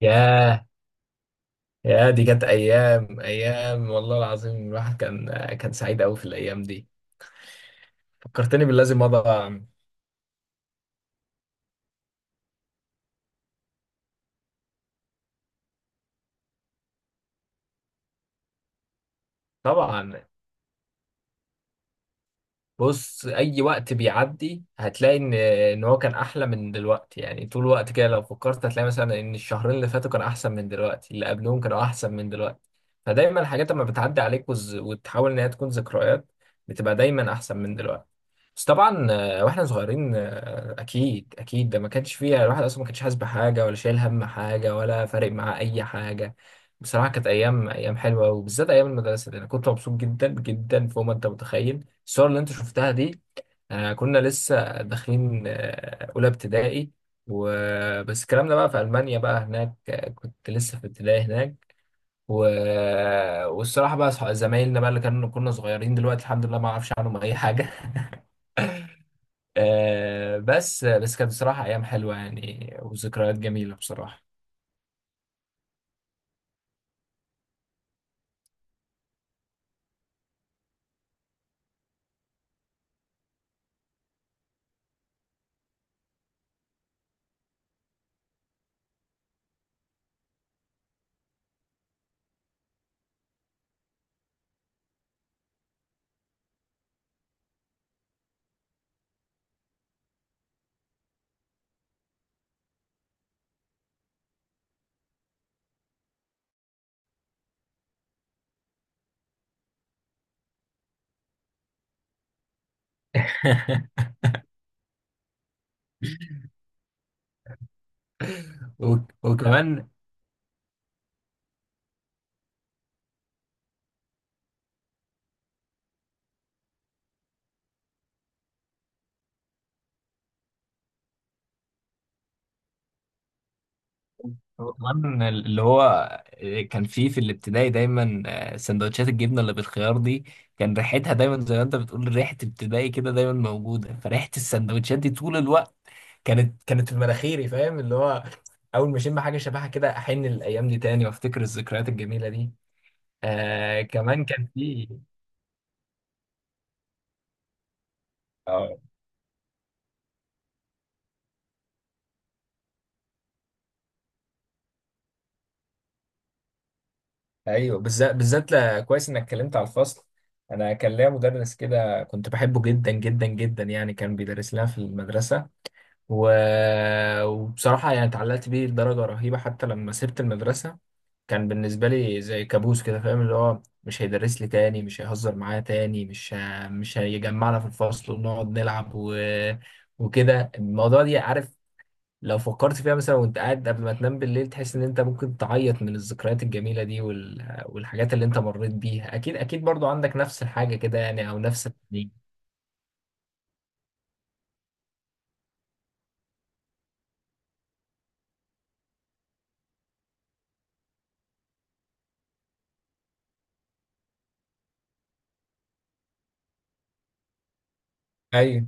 ياه. يا دي كانت ايام ايام والله العظيم، الواحد كان سعيد قوي في الايام دي. فكرتني باللازم مضى. طبعا. بص، اي وقت بيعدي هتلاقي ان هو كان احلى من دلوقتي، يعني طول الوقت كده لو فكرت هتلاقي مثلا ان الشهرين اللي فاتوا كانوا احسن من دلوقتي، اللي قبلهم كانوا احسن من دلوقتي. فدايما الحاجات لما بتعدي عليك وتحاول ان هي تكون ذكريات بتبقى دايما احسن من دلوقتي. بس طبعا واحنا صغيرين اكيد اكيد ده ما كانش فيها الواحد اصلا ما كانش حاسس بحاجه ولا شايل هم حاجه ولا فارق معاه اي حاجه. بصراحه كانت ايام ايام حلوه، وبالذات ايام المدرسه دي انا كنت مبسوط جدا جدا فوق ما انت متخيل. الصور اللي انت شفتها دي كنا لسه داخلين اولى ابتدائي. وبس الكلام ده بقى في المانيا، بقى هناك كنت لسه في ابتدائي هناك. و... والصراحه بقى زمايلنا بقى اللي كانوا كنا صغيرين دلوقتي الحمد لله ما اعرفش عنهم اي حاجه. بس بس كانت بصراحه ايام حلوه يعني وذكريات جميله بصراحه. و- وكمان هو كمان اللي هو كان فيه في الابتدائي دايما سندوتشات الجبنه اللي بالخيار دي، كان ريحتها دايما زي ما انت بتقول ريحه ابتدائي كده دايما موجوده. فريحه السندوتشات دي طول الوقت كانت في مناخيري، فاهم؟ اللي هو اول ما اشم حاجه شبهها كده احن للايام دي تاني وافتكر الذكريات الجميله دي. آه كمان كان فيه. اه. ايوه بالذات بالذات كويس انك اتكلمت على الفصل. انا كان ليا مدرس كده كنت بحبه جدا جدا جدا، يعني كان بيدرس لنا في المدرسه. و... وبصراحة يعني اتعلقت بيه لدرجة رهيبة، حتى لما سبت المدرسة كان بالنسبة لي زي كابوس كده، فاهم؟ اللي هو مش هيدرس لي تاني، مش هيهزر معايا تاني، مش هيجمعنا في الفصل ونقعد نلعب وكده الموضوع دي، عارف؟ لو فكرت فيها مثلا وانت قاعد قبل ما تنام بالليل تحس ان انت ممكن تعيط من الذكريات الجميلة دي والحاجات اللي انت مريت بيها، اكيد اكيد برضو عندك نفس الحاجة كده، يعني او نفس التنين. ايوه،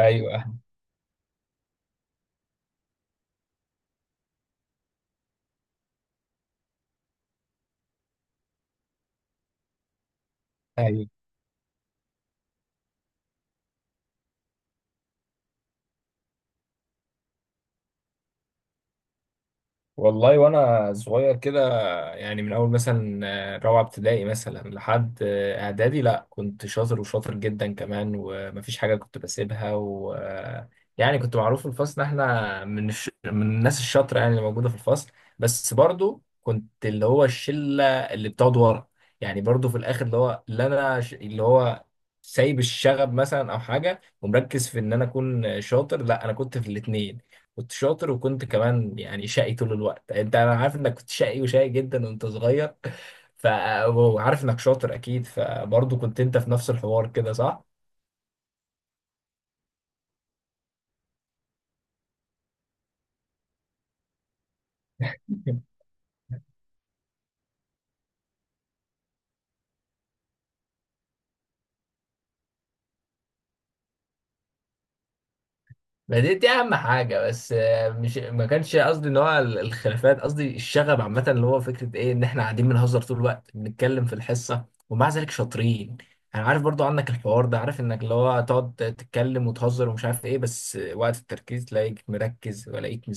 ايوه، ايوه. والله وانا صغير كده، يعني من اول مثلا رابعه ابتدائي مثلا لحد اعدادي لا كنت شاطر وشاطر جدا كمان ومفيش حاجه كنت بسيبها و آه، يعني كنت معروف في الفصل ان احنا من من الناس الشاطره يعني اللي موجوده في الفصل. بس برضو كنت اللي هو الشله اللي بتقعد ورا، يعني برضو في الاخر اللي هو اللي هو سايب الشغب مثلا او حاجه ومركز في ان انا اكون شاطر. لا انا كنت في الاثنين، كنت شاطر وكنت كمان يعني شقي طول الوقت. يعني انت انا عارف انك كنت شقي وشقي جدا وانت صغير ف وعارف انك شاطر اكيد فبرضه كنت انت في نفس الحوار كده، صح؟ ما دي اهم حاجه. بس مش ما كانش قصدي ان هو الخلافات، قصدي الشغب عامه اللي هو فكره ايه ان احنا قاعدين بنهزر طول الوقت بنتكلم في الحصه ومع ذلك شاطرين. انا عارف برضو عنك الحوار ده، عارف انك اللي هو تقعد تتكلم وتهزر ومش عارف ايه، بس وقت التركيز تلاقيك مركز ولاقيك.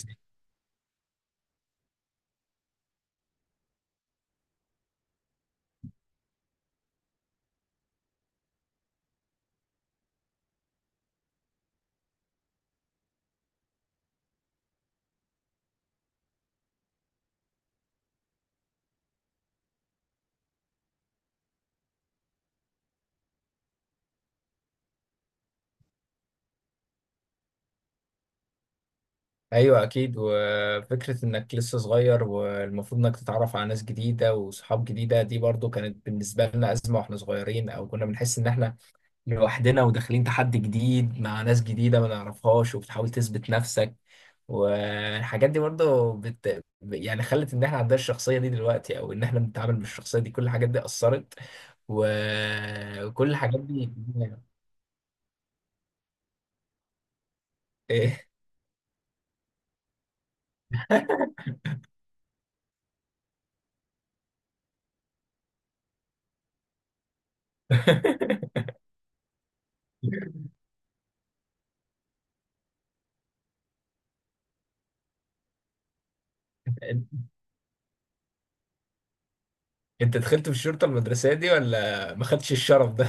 ايوه اكيد. وفكره انك لسه صغير والمفروض انك تتعرف على ناس جديده وصحاب جديده، دي برضو كانت بالنسبه لنا ازمه واحنا صغيرين، او كنا بنحس ان احنا لوحدنا وداخلين تحدي جديد مع ناس جديده ما نعرفهاش وبتحاول تثبت نفسك. والحاجات دي برضو يعني خلت ان احنا عندنا الشخصيه دي دلوقتي، او ان احنا بنتعامل بالشخصيه دي. كل الحاجات دي اثرت وكل الحاجات دي. إيه؟ انت دخلت في الشرطه المدرسيه دي ولا ما خدتش الشرف ده؟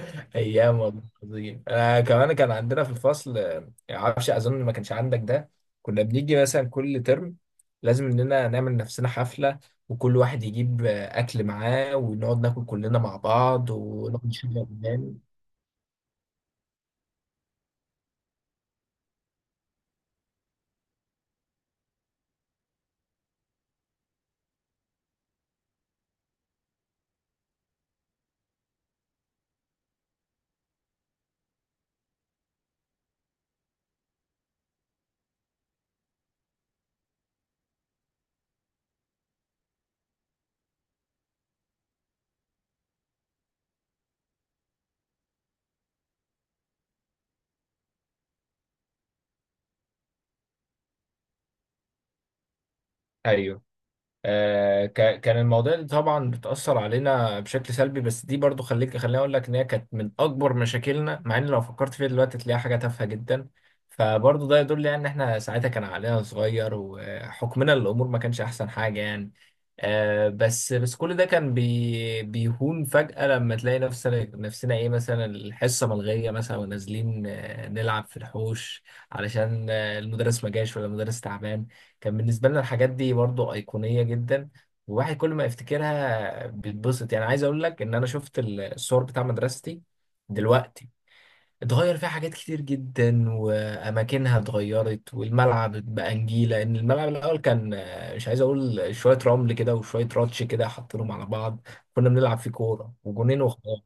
ايام والله عظيم. انا كمان كان عندنا في الفصل معرفش اظن ما كانش عندك ده، كنا بنيجي مثلا كل ترم لازم اننا نعمل نفسنا حفله وكل واحد يجيب اكل معاه ونقعد ناكل كلنا مع بعض ونقعد نشغل اغاني. ايوه كان المواضيع دي طبعا بتأثر علينا بشكل سلبي، بس دي برضو خليك خليني أقول لك إن هي كانت من أكبر مشاكلنا، مع إن لو فكرت فيها دلوقتي تلاقيها حاجة تافهة جدا. فبرضو ده يدل يعني إن إحنا ساعتها كان عقلنا صغير وحكمنا للأمور ما كانش أحسن حاجة يعني. بس بس كل ده كان بيهون فجأة لما تلاقي نفسنا إيه مثلا الحصة ملغية مثلا ونازلين نلعب في الحوش علشان المدرس ما جاش ولا المدرس تعبان. كان بالنسبة لنا الحاجات دي برضو أيقونية جدا، والواحد كل ما يفتكرها بيتبسط. يعني عايز أقول لك إن أنا شفت الصور بتاع مدرستي دلوقتي اتغير فيها حاجات كتير جدا وأماكنها اتغيرت، والملعب بقى نجيلة، إن الملعب الأول كان مش عايز أقول شوية رمل كده وشوية راتش كده حاطينهم على بعض، كنا بنلعب فيه كورة وجونين وخلاص.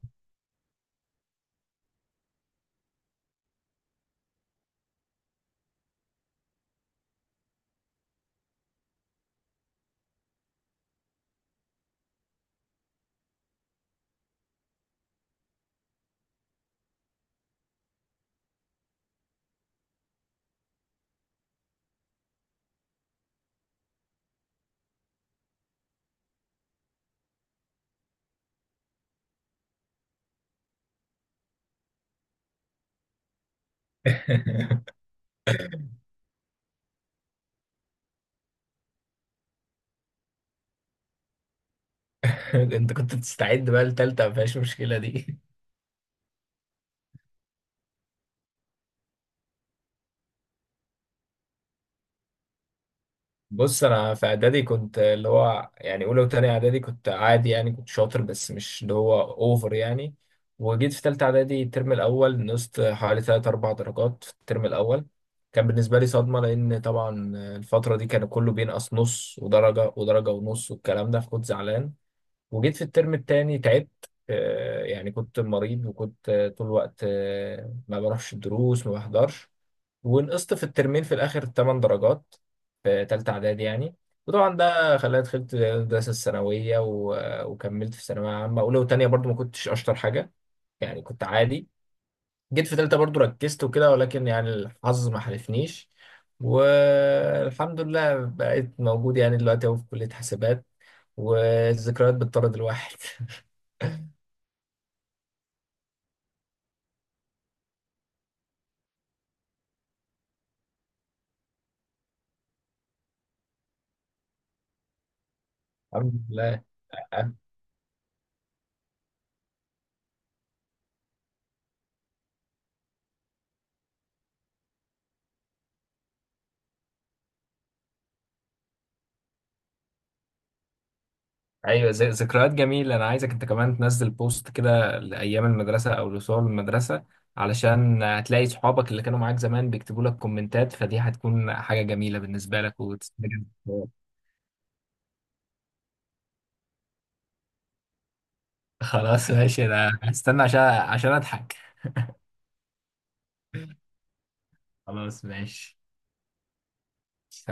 أنت كنت بتستعد بقى لتالتة ما فيهاش مشكلة دي. بص انا في اعدادي كنت اللي هو يعني اولى وتانية اعدادي كنت عادي، يعني كنت شاطر بس مش اللي هو اوفر يعني. وجيت في تالتة اعدادي الترم الاول نقصت حوالي تلات اربع درجات في الترم الاول، كان بالنسبة لي صدمة، لان طبعا الفترة دي كان كله بينقص نص ودرجة ودرجة ونص والكلام ده، فكنت زعلان. وجيت في الترم التاني تعبت يعني كنت مريض وكنت طول الوقت ما بروحش الدروس ما بحضرش. ونقصت في الترمين في الآخر 8 درجات في تالتة إعدادي يعني. وطبعا ده خلاني دخلت الدراسة الثانوية وكملت في ثانوية عامة أولى وتانية برضو ما كنتش أشطر حاجة، يعني كنت عادي. جيت في تالتة برضو ركزت وكده ولكن يعني الحظ ما حالفنيش، والحمد لله بقيت موجود يعني دلوقتي أهو في كلية حاسبات. والذكريات بتطرد الواحد. الحمد لله. ايوه زي ذكريات جميله، انا عايزك انت كمان تنزل بوست كده لايام المدرسه او لصور المدرسه علشان هتلاقي صحابك اللي كانوا معاك زمان بيكتبوا لك كومنتات، فدي هتكون حاجه جميله بالنسبه لك وتستجد. خلاص ماشي، انا هستنى عشان اضحك. خلاص ماشي.